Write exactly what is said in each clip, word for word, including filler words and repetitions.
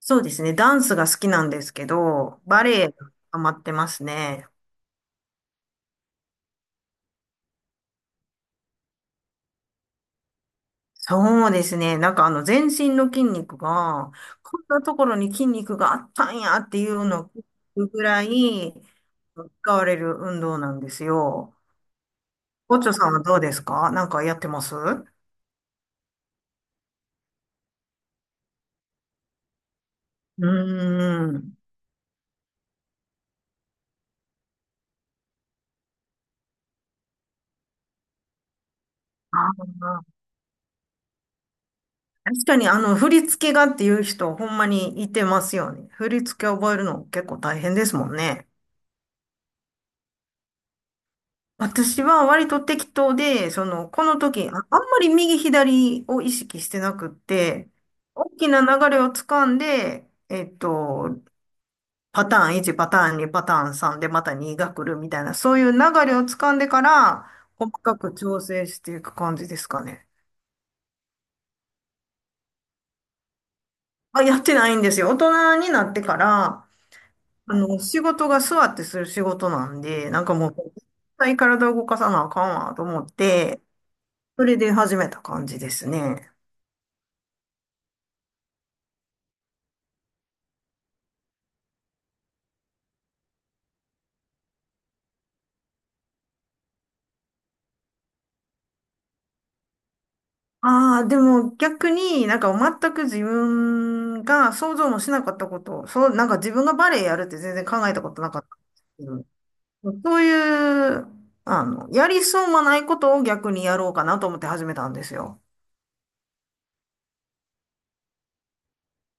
そうですね。ダンスが好きなんですけど、バレエがハマってますね。そうですね。なんかあの全身の筋肉が、こんなところに筋肉があったんやっていうのを聞くぐらい使われる運動なんですよ。オッチョさんはどうですか？なんかやってますうーん。あー確かにあの振り付けがっていう人、ほんまにいてますよね。振り付け覚えるの結構大変ですもんね。私は割と適当で、その、この時、あ、あんまり右左を意識してなくって、大きな流れをつかんで、えっと、パターンいち、パターンに、パターンさんでまたにが来るみたいな、そういう流れをつかんでから、細かく調整していく感じですかね。あ、やってないんですよ。大人になってから、あの、仕事が座ってする仕事なんで、なんかもう、絶対体を動かさなあかんわと思って、それで始めた感じですね。ああ、でも逆になんか全く自分が想像もしなかったこと、そう、なんか自分がバレエやるって全然考えたことなかったんですけど、そういう、あの、やりそうもないことを逆にやろうかなと思って始めたんですよ。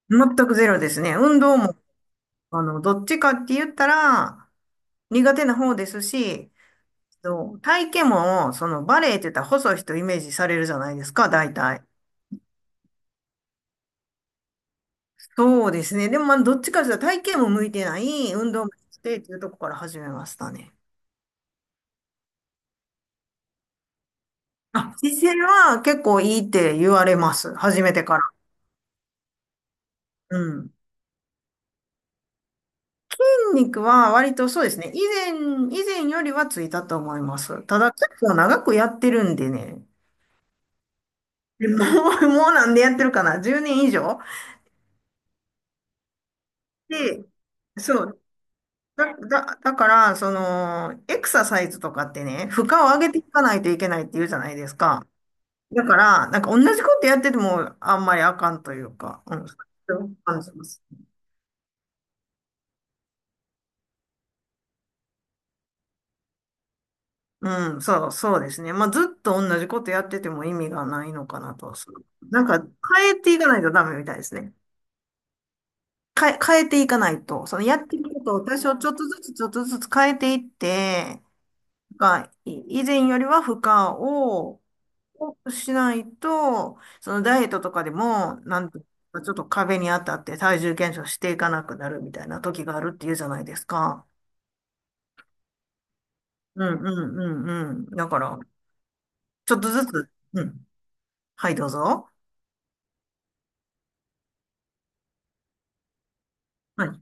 全くゼロですね。運動も、あの、どっちかって言ったら苦手な方ですし、そう体型も、そのバレエって言ったら細い人イメージされるじゃないですか、大体。そうですね。でも、まあ、どっちかというと体型も向いてない、運動もしてっていうとこから始めましたね。あ、姿勢は結構いいって言われます。始めてから。うん。筋肉は割とそうですね。以前、以前よりはついたと思います。ただ結構長くやってるんでね。でもう、もうなんでやってるかな？ じゅう 年以上で、そう。だ、だ、だから、その、エクササイズとかってね、負荷を上げていかないといけないって言うじゃないですか。だから、なんか同じことやっててもあんまりあかんというか、うん、そう感じます。うん、そう、そうですね。まあ、ずっと同じことやってても意味がないのかなと。そうなんか、変えていかないとダメみたいですね。変え、変えていかないと、そのやってることを多少ちょっとずつちょっとずつ変えていって、が、い以前よりは負荷を多くしないと、そのダイエットとかでも、なんとかちょっと壁に当たって体重減少していかなくなるみたいな時があるっていうじゃないですか。うんうんうんうん。だから、ちょっとずつ、うん。はい、どうぞ。はい。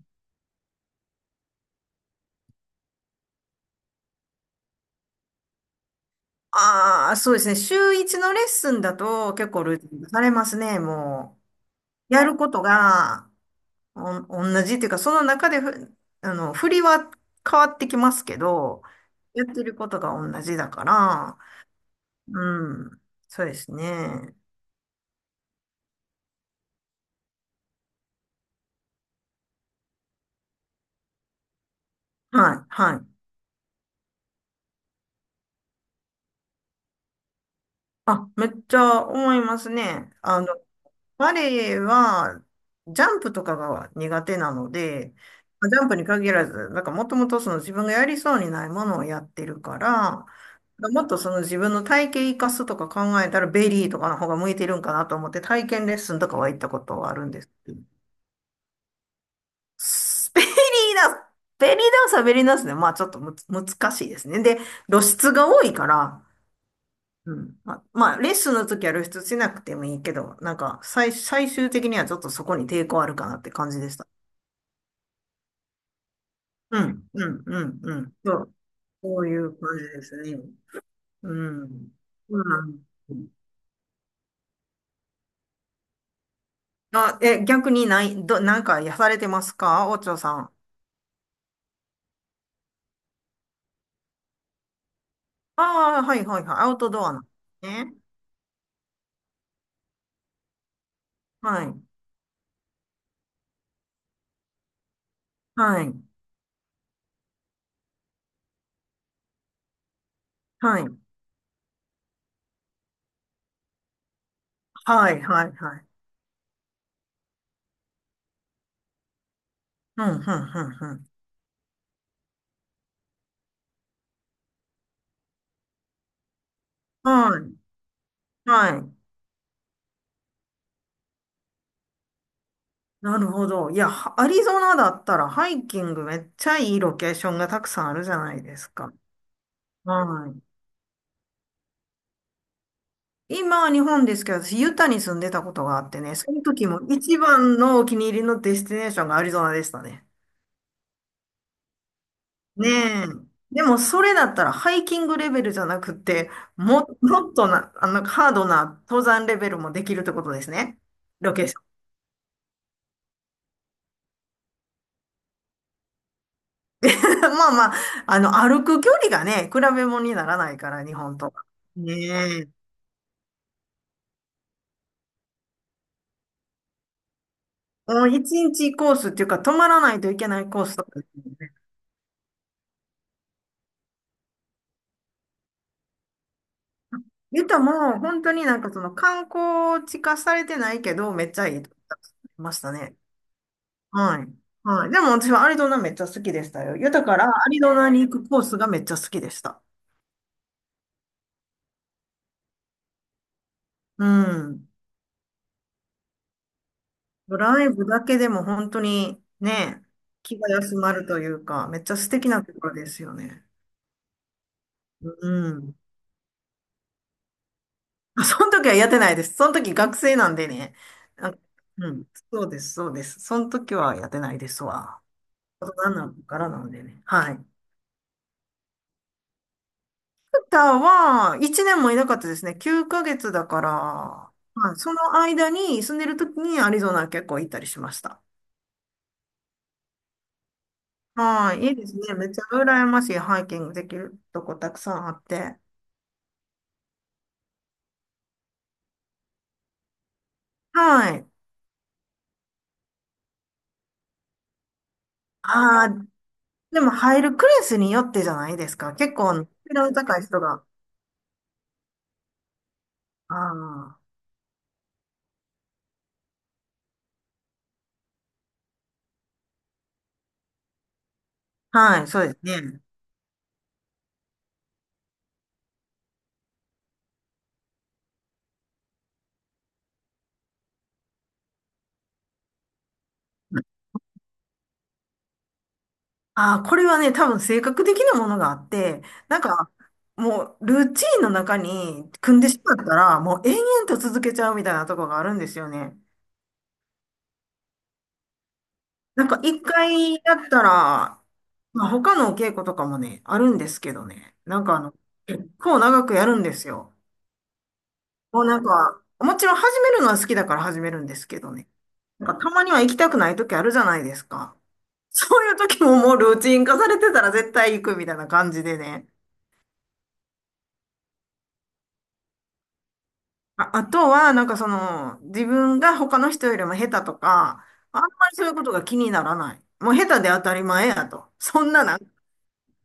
ああ、そうですね。週一のレッスンだと結構ルーティン化されますね。もう、やることがお、同じっていうか、その中でふ、あの、振りは変わってきますけど、やってることが同じだから、うん。そうですね。はい、はい。あ、めっちゃ思いますね。あの、バレエは、ジャンプとかが苦手なので、まあジャンプに限らず、なんかもともとその自分がやりそうにないものをやってるから、もっとその自分の体型生かすとか考えたらベリーとかの方が向いてるんかなと思って体験レッスンとかは行ったことはあるんですけど。スベリーダンス、ベリーダンスはベリーダンスで、まあちょっとむつ難しいですね。で、露出が多いから、うん。あ、まあ、レッスンの時は露出しなくてもいいけど、なんか、最、最終的にはちょっとそこに抵抗あるかなって感じでした。うん、うん、うん、うん。そう、そういう感じですね。うん。うん。あ、え、逆にない、ど、なんかやされてますかおちょさん。ああ、はいはいはい。アウトドアなんですね。はい。はい。はい。はいはいはい。うん、うん、うん、うん。はい。はい。なるほど。いや、はアリゾナだったらハイキングめっちゃいいロケーションがたくさんあるじゃないですか。はい。今、日本ですけど、私、ユタに住んでたことがあってね、その時も一番のお気に入りのデスティネーションがアリゾナでしたね。ねえ。でも、それだったらハイキングレベルじゃなくて、も、もっとな、あの、ハードな登山レベルもできるってことですね。ロケーション。まあまあ、あの、歩く距離がね、比べ物にならないから、日本と。ねえ。もう一日コースっていうか、泊まらないといけないコースとかですよね。言ったらもう、本当になんかその観光地化されてないけど、めっちゃいいとこだと思いましたね。はい。はい。でも私はアリゾナめっちゃ好きでしたよ。豊からアリゾナに行くコースがめっちゃ好きでした。うん。ライブだけでも本当にね、気が休まるというか、めっちゃ素敵なところですよね。うん。あその時はやってないです。その時学生なんでね。あ、うん、そうです、そうです。その時はやってないですわ。大人になってからなんでね。はい。タはいちねんもいなかったですね。きゅうかげつだから、はい、その間に住んでる時にアリゾナ結構行ったりしました。はい、いいですね。めっちゃ羨ましいハイキングできるとこたくさんあって。はい。ああ、でも入るクラスによってじゃないですか。結構ね、レベルの高い人が。ああ、はい、そうですね。ああ、これはね、多分性格的なものがあって、なんか、もう、ルーチンの中に組んでしまったら、もう延々と続けちゃうみたいなとこがあるんですよね。なんか、一回やったら、まあ、他のお稽古とかもね、あるんですけどね。なんか、あの、結構長くやるんですよ。もうなんか、もちろん始めるのは好きだから始めるんですけどね。なんか、たまには行きたくない時あるじゃないですか。そういう時ももうルーチン化されてたら絶対行くみたいな感じでね。あ、あとは、なんかその、自分が他の人よりも下手とか、あんまりそういうことが気にならない。もう下手で当たり前やと。そんななん、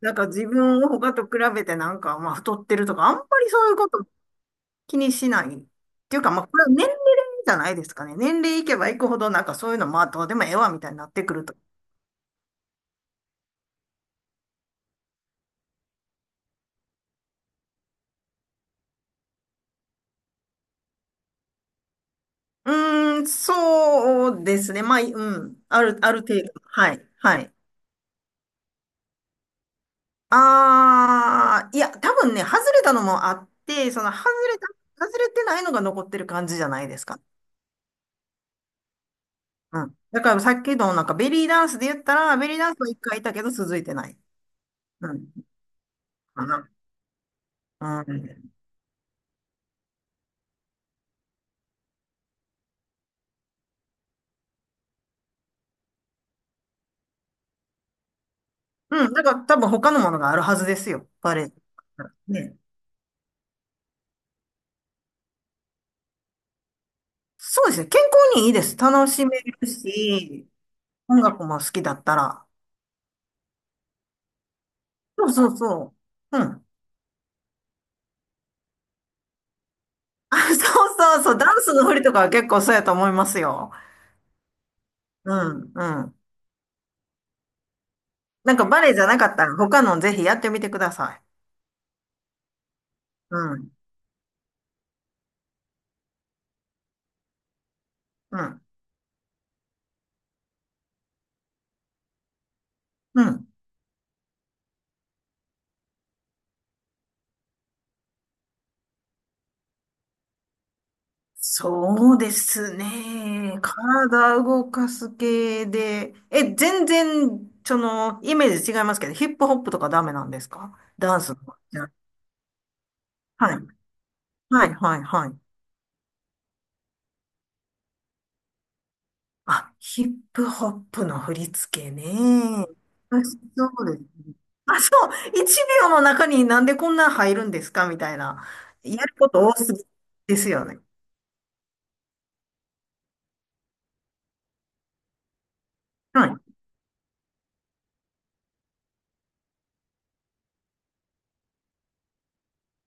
なんか自分を他と比べてなんか、まあ太ってるとか、あんまりそういうこと気にしない。っていうか、まあこれは年齢じゃないですかね。年齢いけばいくほど、なんかそういうの、まあどうでもええわ、みたいになってくると。うーん、そうですね。まあ、うん、ある、ある程度。はい、はい。ああ、いや、多分ね、外れたのもあって、その外れた、外れてないのが残ってる感じじゃないですか。うん。だからさっきのなんかベリーダンスで言ったら、ベリーダンスは一回いたけど続いてない。うん。かな。うん。うん。だから多分他のものがあるはずですよ。バレエ。ね。そうですね。健康にいいです。楽しめるし、音楽も好きだったら。そうそうそう。うん。あ、そうそうそう。ダンスの振りとかは結構そうやと思いますよ。うん、うん。なんかバレエじゃなかったら他のぜひやってみてください。うん。うん。うん。そうですね。体動かす系で。え、全然、その、イメージ違いますけど、ヒップホップとかダメなんですかダンスの。じゃあはい。はい、はい、はい。あ、ヒップホップの振り付けね。あ、そうです。あ、そう。いちびょうの中になんでこんな入るんですかみたいな。やること多すぎですよね。はい。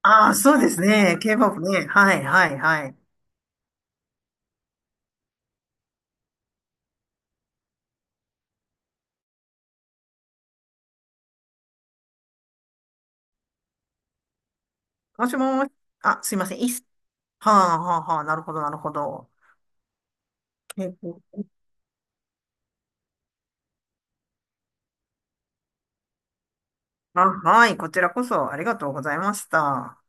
ああ、そうですね。K-ポップ ね。はい、はい、はい。もしもあ、すいません。いいっす。はあ、はあ、はあ。なるほど、なるほど。K-ポップ。あ、はい。こちらこそありがとうございました。